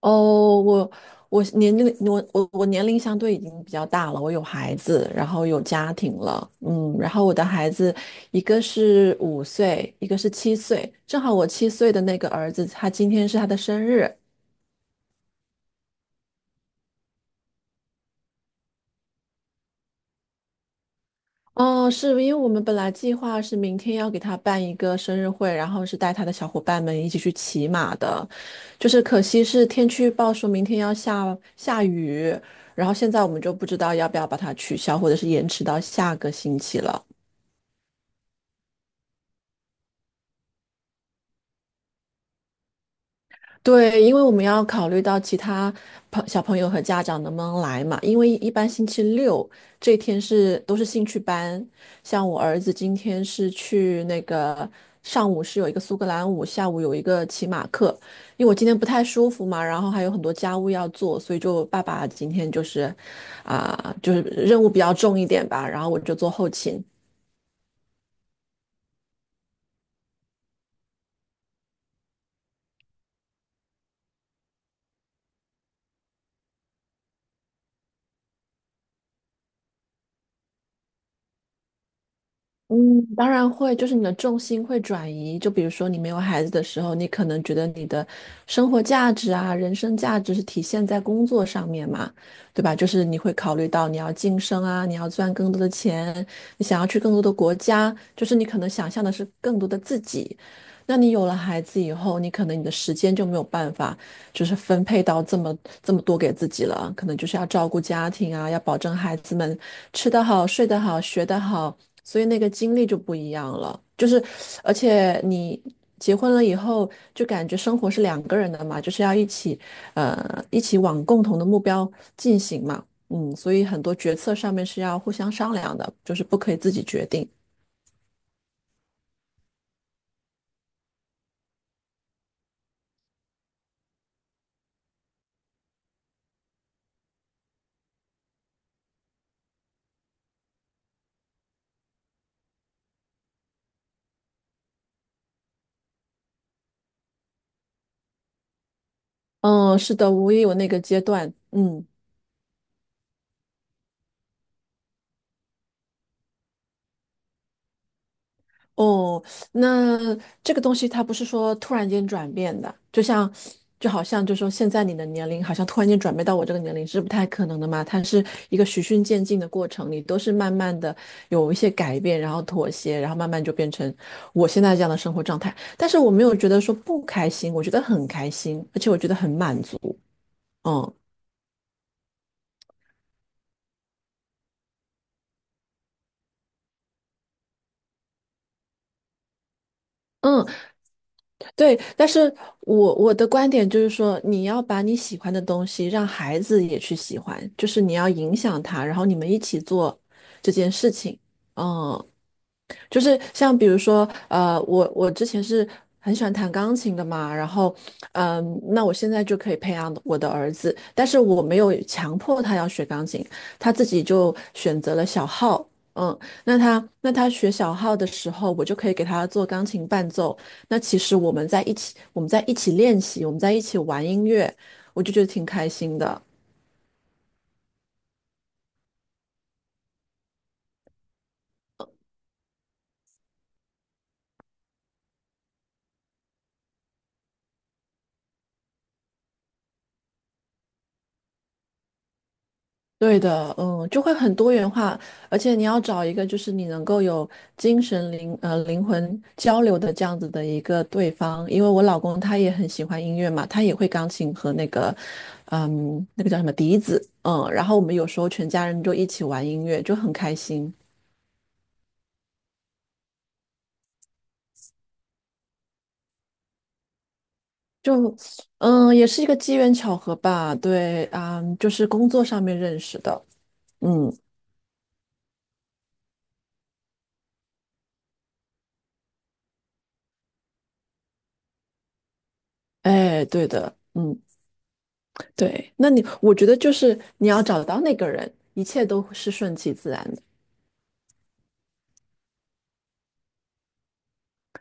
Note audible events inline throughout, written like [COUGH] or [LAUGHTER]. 哦，我年龄相对已经比较大了，我有孩子，然后有家庭了，然后我的孩子一个是5岁，一个是七岁。正好我七岁的那个儿子，他今天是他的生日。哦，是因为我们本来计划是明天要给他办一个生日会，然后是带他的小伙伴们一起去骑马的。就是可惜是天气预报说明天要下雨，然后现在我们就不知道要不要把它取消，或者是延迟到下个星期了。对，因为我们要考虑到其他小朋友和家长能不能来嘛。因为一般星期六这天都是兴趣班。像我儿子今天是去上午是有一个苏格兰舞，下午有一个骑马课。因为我今天不太舒服嘛，然后还有很多家务要做，所以就爸爸今天就是任务比较重一点吧，然后我就做后勤。嗯，当然会，就是你的重心会转移。就比如说，你没有孩子的时候，你可能觉得你的生活价值啊、人生价值是体现在工作上面嘛，对吧？就是你会考虑到你要晋升啊，你要赚更多的钱，你想要去更多的国家，就是你可能想象的是更多的自己。那你有了孩子以后，你可能你的时间就没有办法，就是分配到这么多给自己了，可能就是要照顾家庭啊，要保证孩子们吃得好、睡得好、学得好，所以那个精力就不一样了。就是，而且你结婚了以后，就感觉生活是两个人的嘛，就是要一起，一起往共同的目标进行嘛。嗯，所以很多决策上面是要互相商量的，就是不可以自己决定。嗯，是的，我也有那个阶段。嗯。哦，那这个东西它不是说突然间转变的，就好像现在你的年龄好像突然间转变到我这个年龄是不太可能的嘛。它是一个循序渐进的过程，你都是慢慢的有一些改变，然后妥协，然后慢慢就变成我现在这样的生活状态。但是我没有觉得说不开心，我觉得很开心，而且我觉得很满足。嗯。对，但是我的观点就是说，你要把你喜欢的东西让孩子也去喜欢，就是你要影响他，然后你们一起做这件事情。嗯，就是像比如说，我之前是很喜欢弹钢琴的嘛。然后，那我现在就可以培养我的儿子，但是我没有强迫他要学钢琴，他自己就选择了小号。嗯，那他学小号的时候，我就可以给他做钢琴伴奏。那其实我们在一起，我们在一起练习，我们在一起玩音乐，我就觉得挺开心的。对的，嗯，就会很多元化。而且你要找一个就是你能够有精神灵呃灵魂交流的这样子的一个对方，因为我老公他也很喜欢音乐嘛，他也会钢琴和那个叫什么笛子。嗯，然后我们有时候全家人就一起玩音乐，就很开心，就也是一个机缘巧合吧。对啊，就是工作上面认识的。嗯，哎，对的，嗯。对，我觉得就是你要找到那个人，一切都是顺其自然的。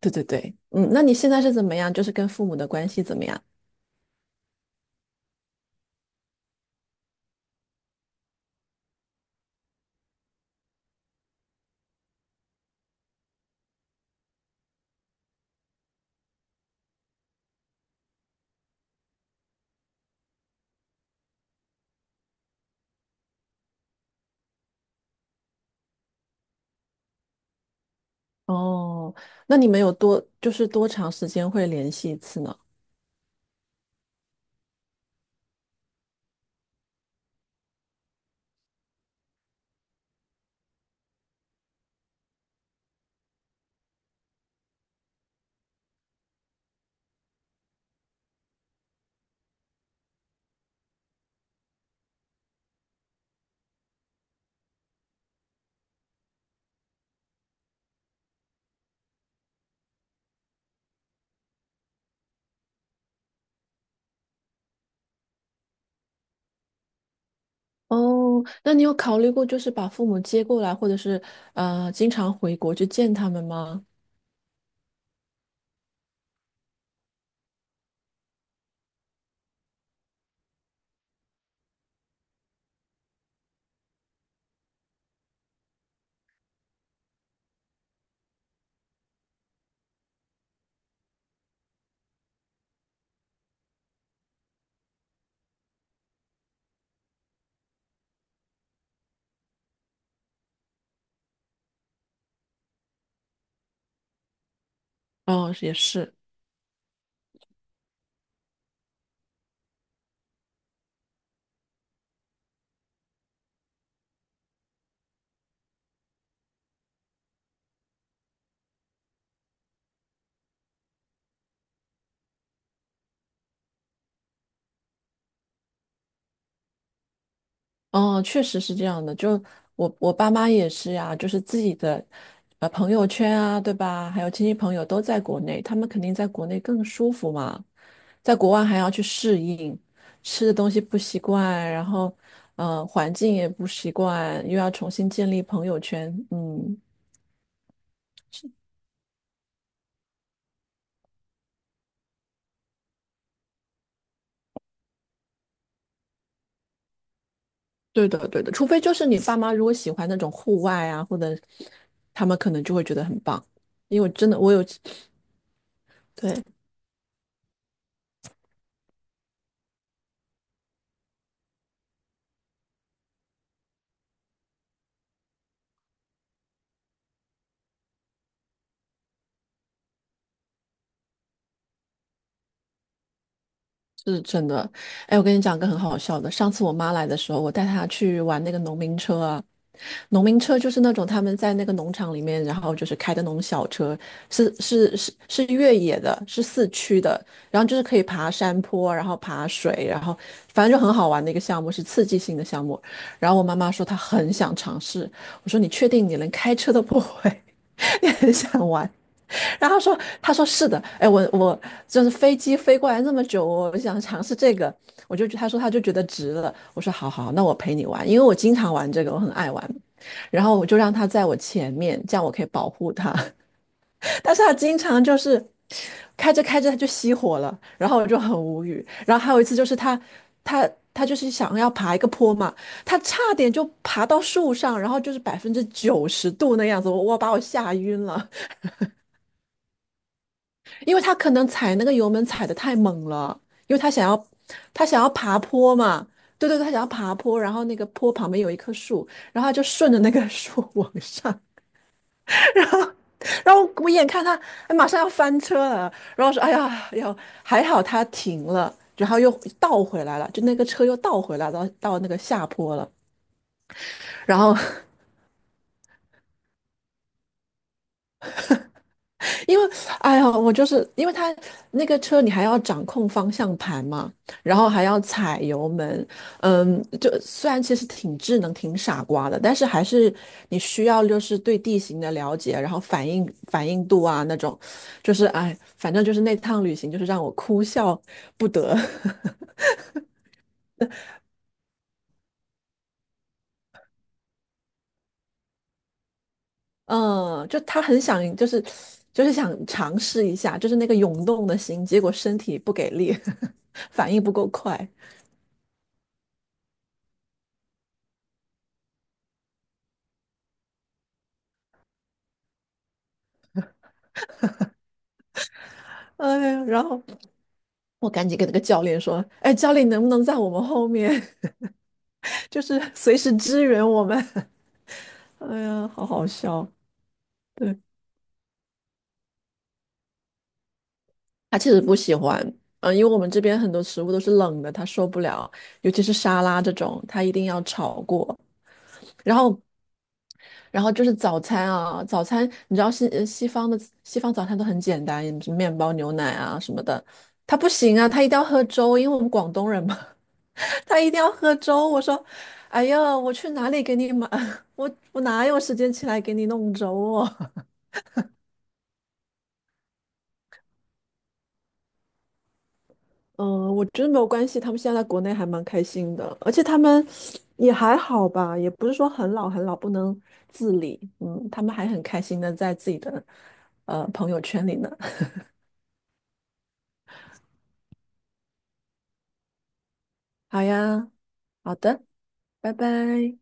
对对对，嗯，那你现在是怎么样？就是跟父母的关系怎么样？哦，那你们有多就是多长时间会联系一次呢？哦，那你有考虑过就是把父母接过来，或者是经常回国去见他们吗？哦，也是。嗯，确实是这样的。就我爸妈也是呀，就是自己的朋友圈啊，对吧？还有亲戚朋友都在国内，他们肯定在国内更舒服嘛，在国外还要去适应，吃的东西不习惯，然后环境也不习惯，又要重新建立朋友圈。嗯，对的对的，除非就是你爸妈如果喜欢那种户外啊，或者他们可能就会觉得很棒，因为我真的有 [SUCKS TEETH]，[SNIFFS] 对。是真的。哎，我跟你讲个很好笑的。上次我妈来的时候，我带她去玩那个农民车啊。农民车就是那种他们在那个农场里面，然后就是开的那种小车，是越野的，是四驱的，然后就是可以爬山坡，然后爬水，然后反正就很好玩的一个项目，是刺激性的项目。然后我妈妈说她很想尝试，我说你确定你连开车都不会，[LAUGHS] 你很想玩？然后说，他说是的。哎，我就是飞机飞过来那么久，我想尝试这个，他说他就觉得值了。我说好好，那我陪你玩，因为我经常玩这个，我很爱玩。然后我就让他在我前面，这样我可以保护他。[LAUGHS] 但是他经常就是开着开着他就熄火了，然后我就很无语。然后还有一次就是他就是想要爬一个坡嘛，他差点就爬到树上，然后就是90%度那样子，我把我吓晕了。因为他可能踩那个油门踩得太猛了，因为他想要爬坡嘛，对对对，他想要爬坡，然后那个坡旁边有一棵树，然后他就顺着那个树 [LAUGHS] 往上。然后然后我眼看他哎马上要翻车了，然后说哎呀要还好他停了。然后又倒回来了，就那个车又倒回来到那个下坡了。然后因为，哎呀，我就是因为他那个车，你还要掌控方向盘嘛，然后还要踩油门，就虽然其实挺智能、挺傻瓜的，但是还是你需要就是对地形的了解，然后反应度啊那种。就是哎，反正就是那趟旅行就是让我哭笑不得。[LAUGHS] 嗯，就他很想就是想尝试一下，就是那个涌动的心，结果身体不给力，[LAUGHS] 反应不够快。哎呀，然后我赶紧跟那个教练说：“哎，教练能不能在我们后面，[LAUGHS] 就是随时支援我们？” [LAUGHS] 哎呀，好好笑。对，他其实不喜欢，因为我们这边很多食物都是冷的，他受不了，尤其是沙拉这种，他一定要炒过。然后，然后就是早餐啊，早餐你知道西方早餐都很简单，面包、牛奶啊什么的。他不行啊，他一定要喝粥，因为我们广东人嘛，[LAUGHS] 他一定要喝粥。我说，哎呀，我去哪里给你买？[LAUGHS] 我哪有时间起来给你弄粥哦。嗯，我觉得没有关系，他们现在在国内还蛮开心的，而且他们也还好吧，也不是说很老很老不能自理。嗯，他们还很开心的在自己的朋友圈里呢。[LAUGHS] 好呀，好的，拜拜。